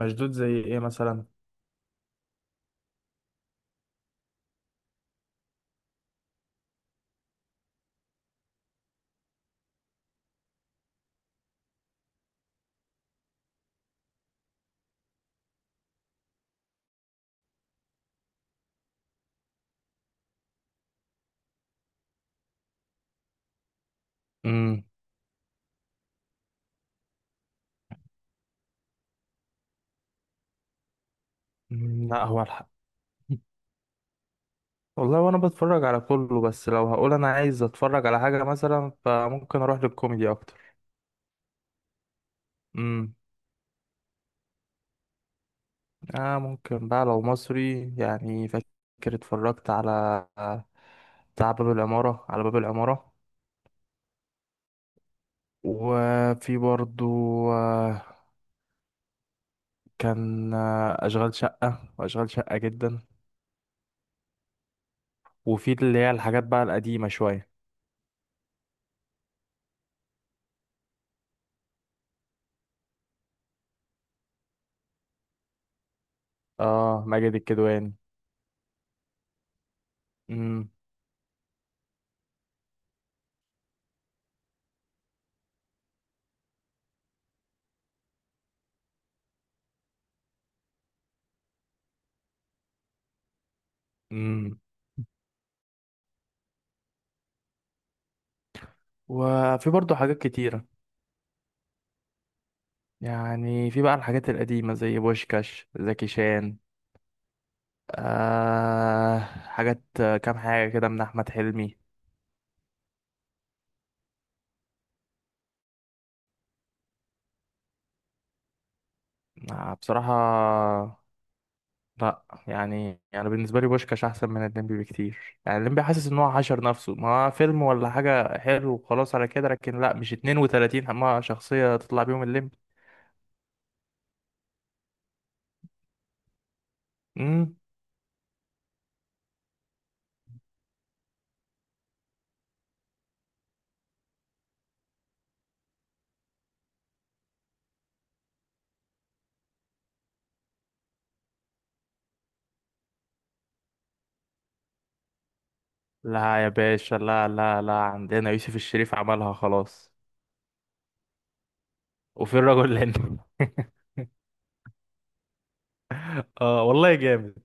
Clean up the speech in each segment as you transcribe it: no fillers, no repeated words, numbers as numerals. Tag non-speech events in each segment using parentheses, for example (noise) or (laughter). مشدود زي ايه مثلا؟ امم لا، هو الحق، والله وانا بتفرج على كله، بس لو هقول انا عايز اتفرج على حاجة مثلا فممكن اروح للكوميدي اكتر. امم اه، ممكن بقى لو مصري، يعني فاكر اتفرجت على بتاع باب العمارة، على باب العمارة. وفي برضو آه، كان أشغال شقة وأشغال شقة جدا. وفي اللي هي الحاجات بقى القديمة شوية. اه، ماجد الكدواني. امم وفي برضه حاجات كتيرة، يعني في بقى الحاجات القديمة زي بوشكاش زكي شان، آه حاجات، كام حاجة كده من أحمد حلمي. آه بصراحة، لا يعني بالنسبة لي بوشكاش أحسن من الليمبي بكتير، يعني الليمبي حاسس إن هو حشر نفسه، ما هو فيلم ولا حاجة حلو وخلاص، على كده لكن لا، مش 32 ما شخصية تطلع بيهم الليمبي. مم؟ لا يا باشا، لا لا لا، عندنا يوسف الشريف عملها خلاص. وفي الرجل الهندي. (laughs) اه والله جامد.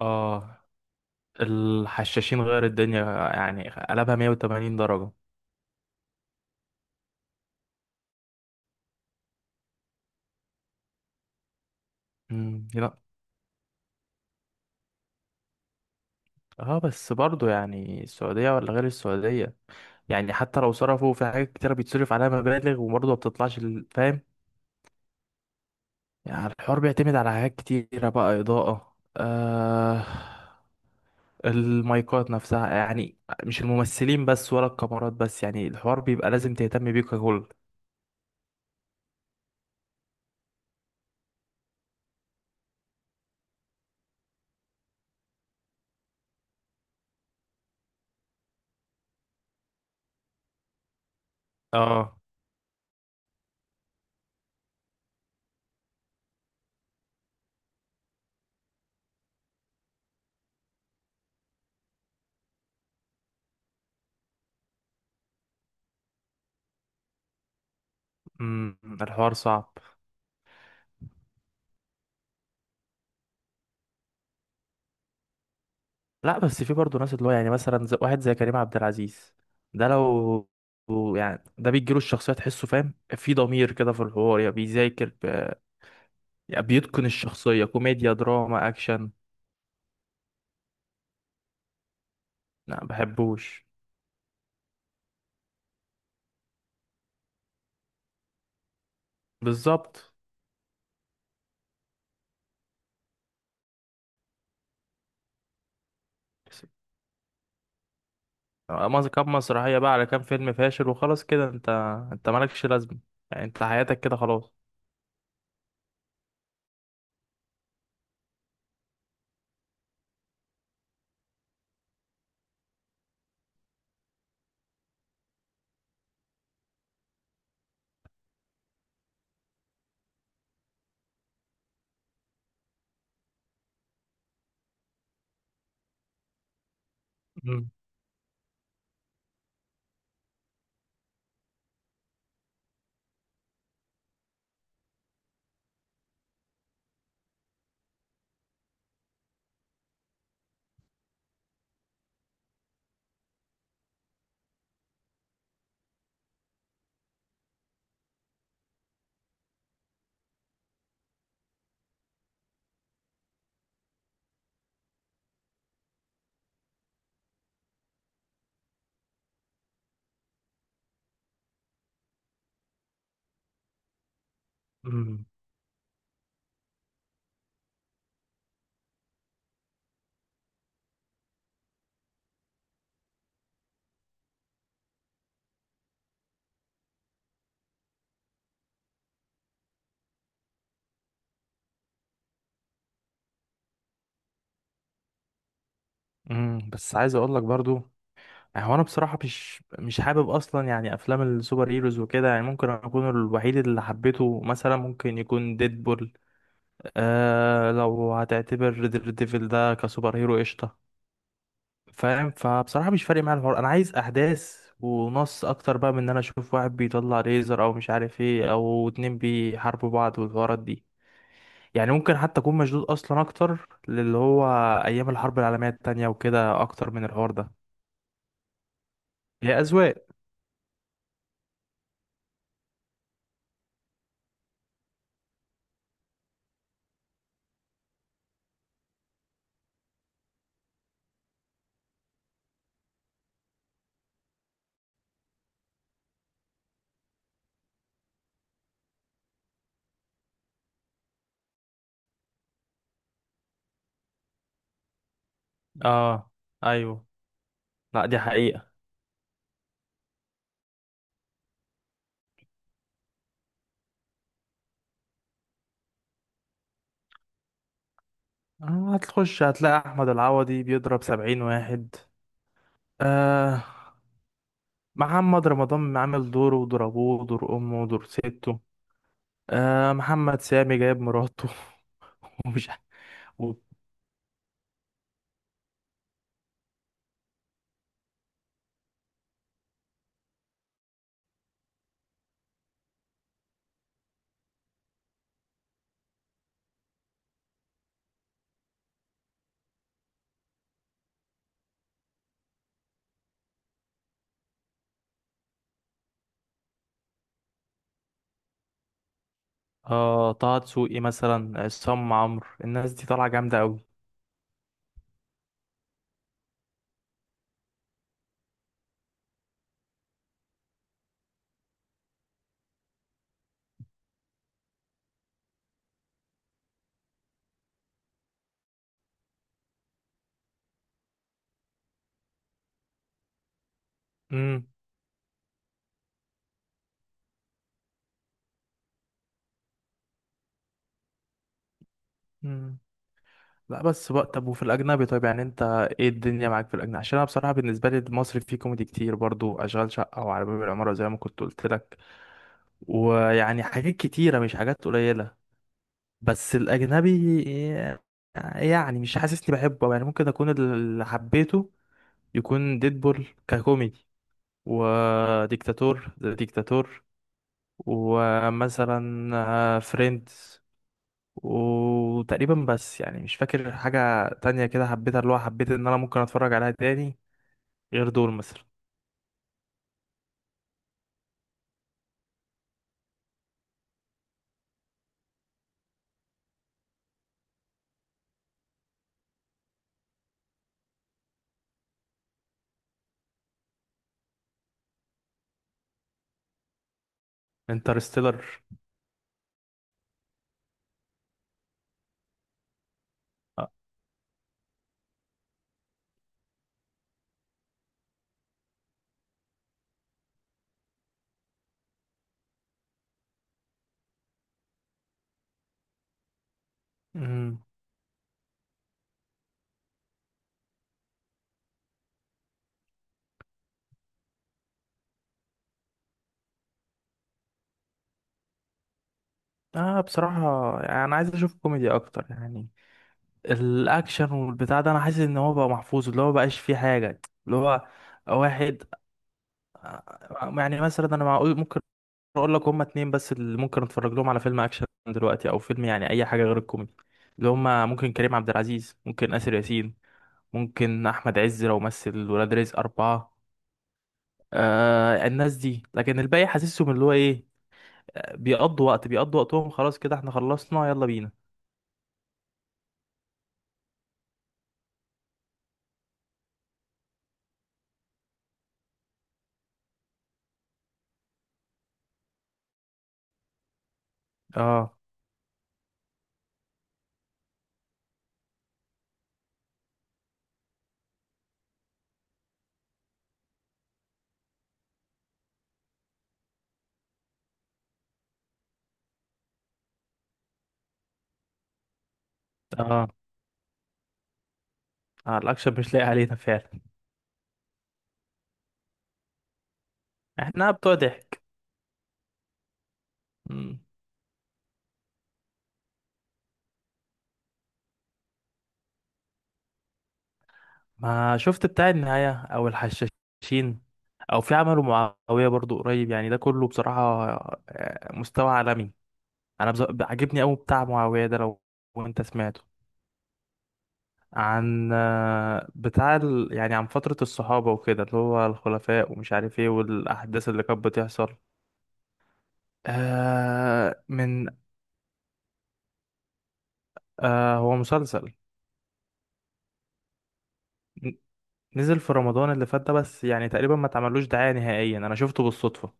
اه الحشاشين غير الدنيا، يعني قلبها 180 درجة. لا، اه، بس برضو يعني السعودية ولا غير السعودية، يعني حتى لو صرفوا في حاجات كتيرة بيتصرف عليها مبالغ وبرضه ما بتطلعش فاهم. يعني الحوار بيعتمد على حاجات كتيرة بقى، إضاءة، المايكات نفسها يعني، مش الممثلين بس ولا الكاميرات بس، يعني الحوار بيبقى لازم تهتم بيه ككل. اه. الحوار صعب. لا بس في برضه ناس، اللي هو يعني مثلا زي واحد زي كريم عبد العزيز، ده لو يعني ده بيجيله الشخصية تحسه فاهم، في ضمير كده في الحوار، يعني يعني بيتقن الشخصية، كوميديا دراما أكشن. لا بحبوش. بالظبط. بس- كام مسرحية بقى على كام فيلم فاشل وخلاص كده انت مالكش لازمة، يعني انت حياتك كده خلاص. مم. مم. مم. بس عايز اقول لك برضو، يعني هو انا بصراحه مش حابب اصلا يعني افلام السوبر هيروز وكده، يعني ممكن اكون الوحيد اللي حبيته مثلا ممكن يكون ديدبول. آه لو هتعتبر دير ديفل ده كسوبر هيرو قشطه. فاهم، فبصراحه مش فارق معايا الحوار، انا عايز احداث ونص اكتر بقى من ان انا اشوف واحد بيطلع ليزر او مش عارف ايه، او اتنين بيحاربوا بعض والحوارات دي، يعني ممكن حتى اكون مشدود اصلا اكتر للي هو ايام الحرب العالميه التانية وكده اكتر من الحوار ده. هي اذواق. اه. ايوه. لا، دي حقيقة. هتخش هتلاقي أحمد العوضي بيضرب 70 واحد. آه محمد رمضان عامل دوره وضربوه ودور أمه ودور سته. آه محمد سامي جايب مراته. (laughs) ومش عارف. و- آه طه دسوقي مثلا، عصام عمرو، الناس دي طالعة جامدة أوي. مم. مم. لا بس بقى طب، وفي الاجنبي طيب يعني، انت ايه الدنيا معاك في الاجنبي؟ عشان انا بصراحه بالنسبه لي المصري فيه كوميدي كتير برضو، اشغال شقه وعلى باب العماره زي ما كنت قلت لك، ويعني حاجات كتيره مش حاجات قليله. بس الاجنبي يعني مش حاسسني بحبه، يعني ممكن اكون اللي حبيته يكون ديدبول ككوميدي، وديكتاتور ذا ديكتاتور، ومثلا فريندز. وتقريبا بس، يعني مش فاكر حاجة تانية كده حبيتها، اللي هو حبيت ان انا ممكن اتفرج عليها تاني غير دول مثلا. انترستيلر. اه. مم. بصراحة يعني انا عايز اشوف كوميدي اكتر يعني، الاكشن والبتاع ده انا حاسس ان هو بقى محفوظ، اللي هو مبقاش فيه حاجة اللي هو واحد. يعني مثلا انا معقول ممكن اقول لك هما اتنين بس اللي ممكن اتفرج لهم على فيلم اكشن دلوقتي، او فيلم يعني اي حاجة غير الكوميدي، اللي هما ممكن كريم عبد العزيز، ممكن آسر ياسين، ممكن احمد عز لو مثل ولاد رزق 4. آه الناس دي، لكن الباقي حاسسهم اللي هو ايه، بيقضوا وقت بيقضوا وقتهم، خلاص كده احنا خلصنا يلا بينا. اه. اه, الاكشن مش لاقي علينا فعلا. احنا بتوع ضحك. مم. ما شفت بتاع النهاية او الحشاشين، او في عمله معاوية برضو قريب، يعني ده كله بصراحة مستوى عالمي. عاجبني قوي بتاع معاوية ده، لو انت سمعته، عن يعني عن فترة الصحابة وكده اللي هو الخلفاء ومش عارف ايه، والأحداث اللي كانت بتحصل آه من آه هو مسلسل. ن- نزل في رمضان اللي فات ده بس، يعني تقريبا ما اتعملوش دعاية نهائيا، أنا شفته بالصدفة.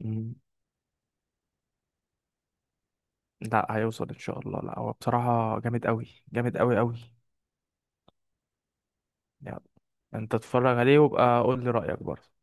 مم. لا، هيوصل إن شاء الله، لا هو بصراحة جامد أوي جامد أوي أوي. يعني أنت اتفرج عليه وابقى قول لي رأيك برضه.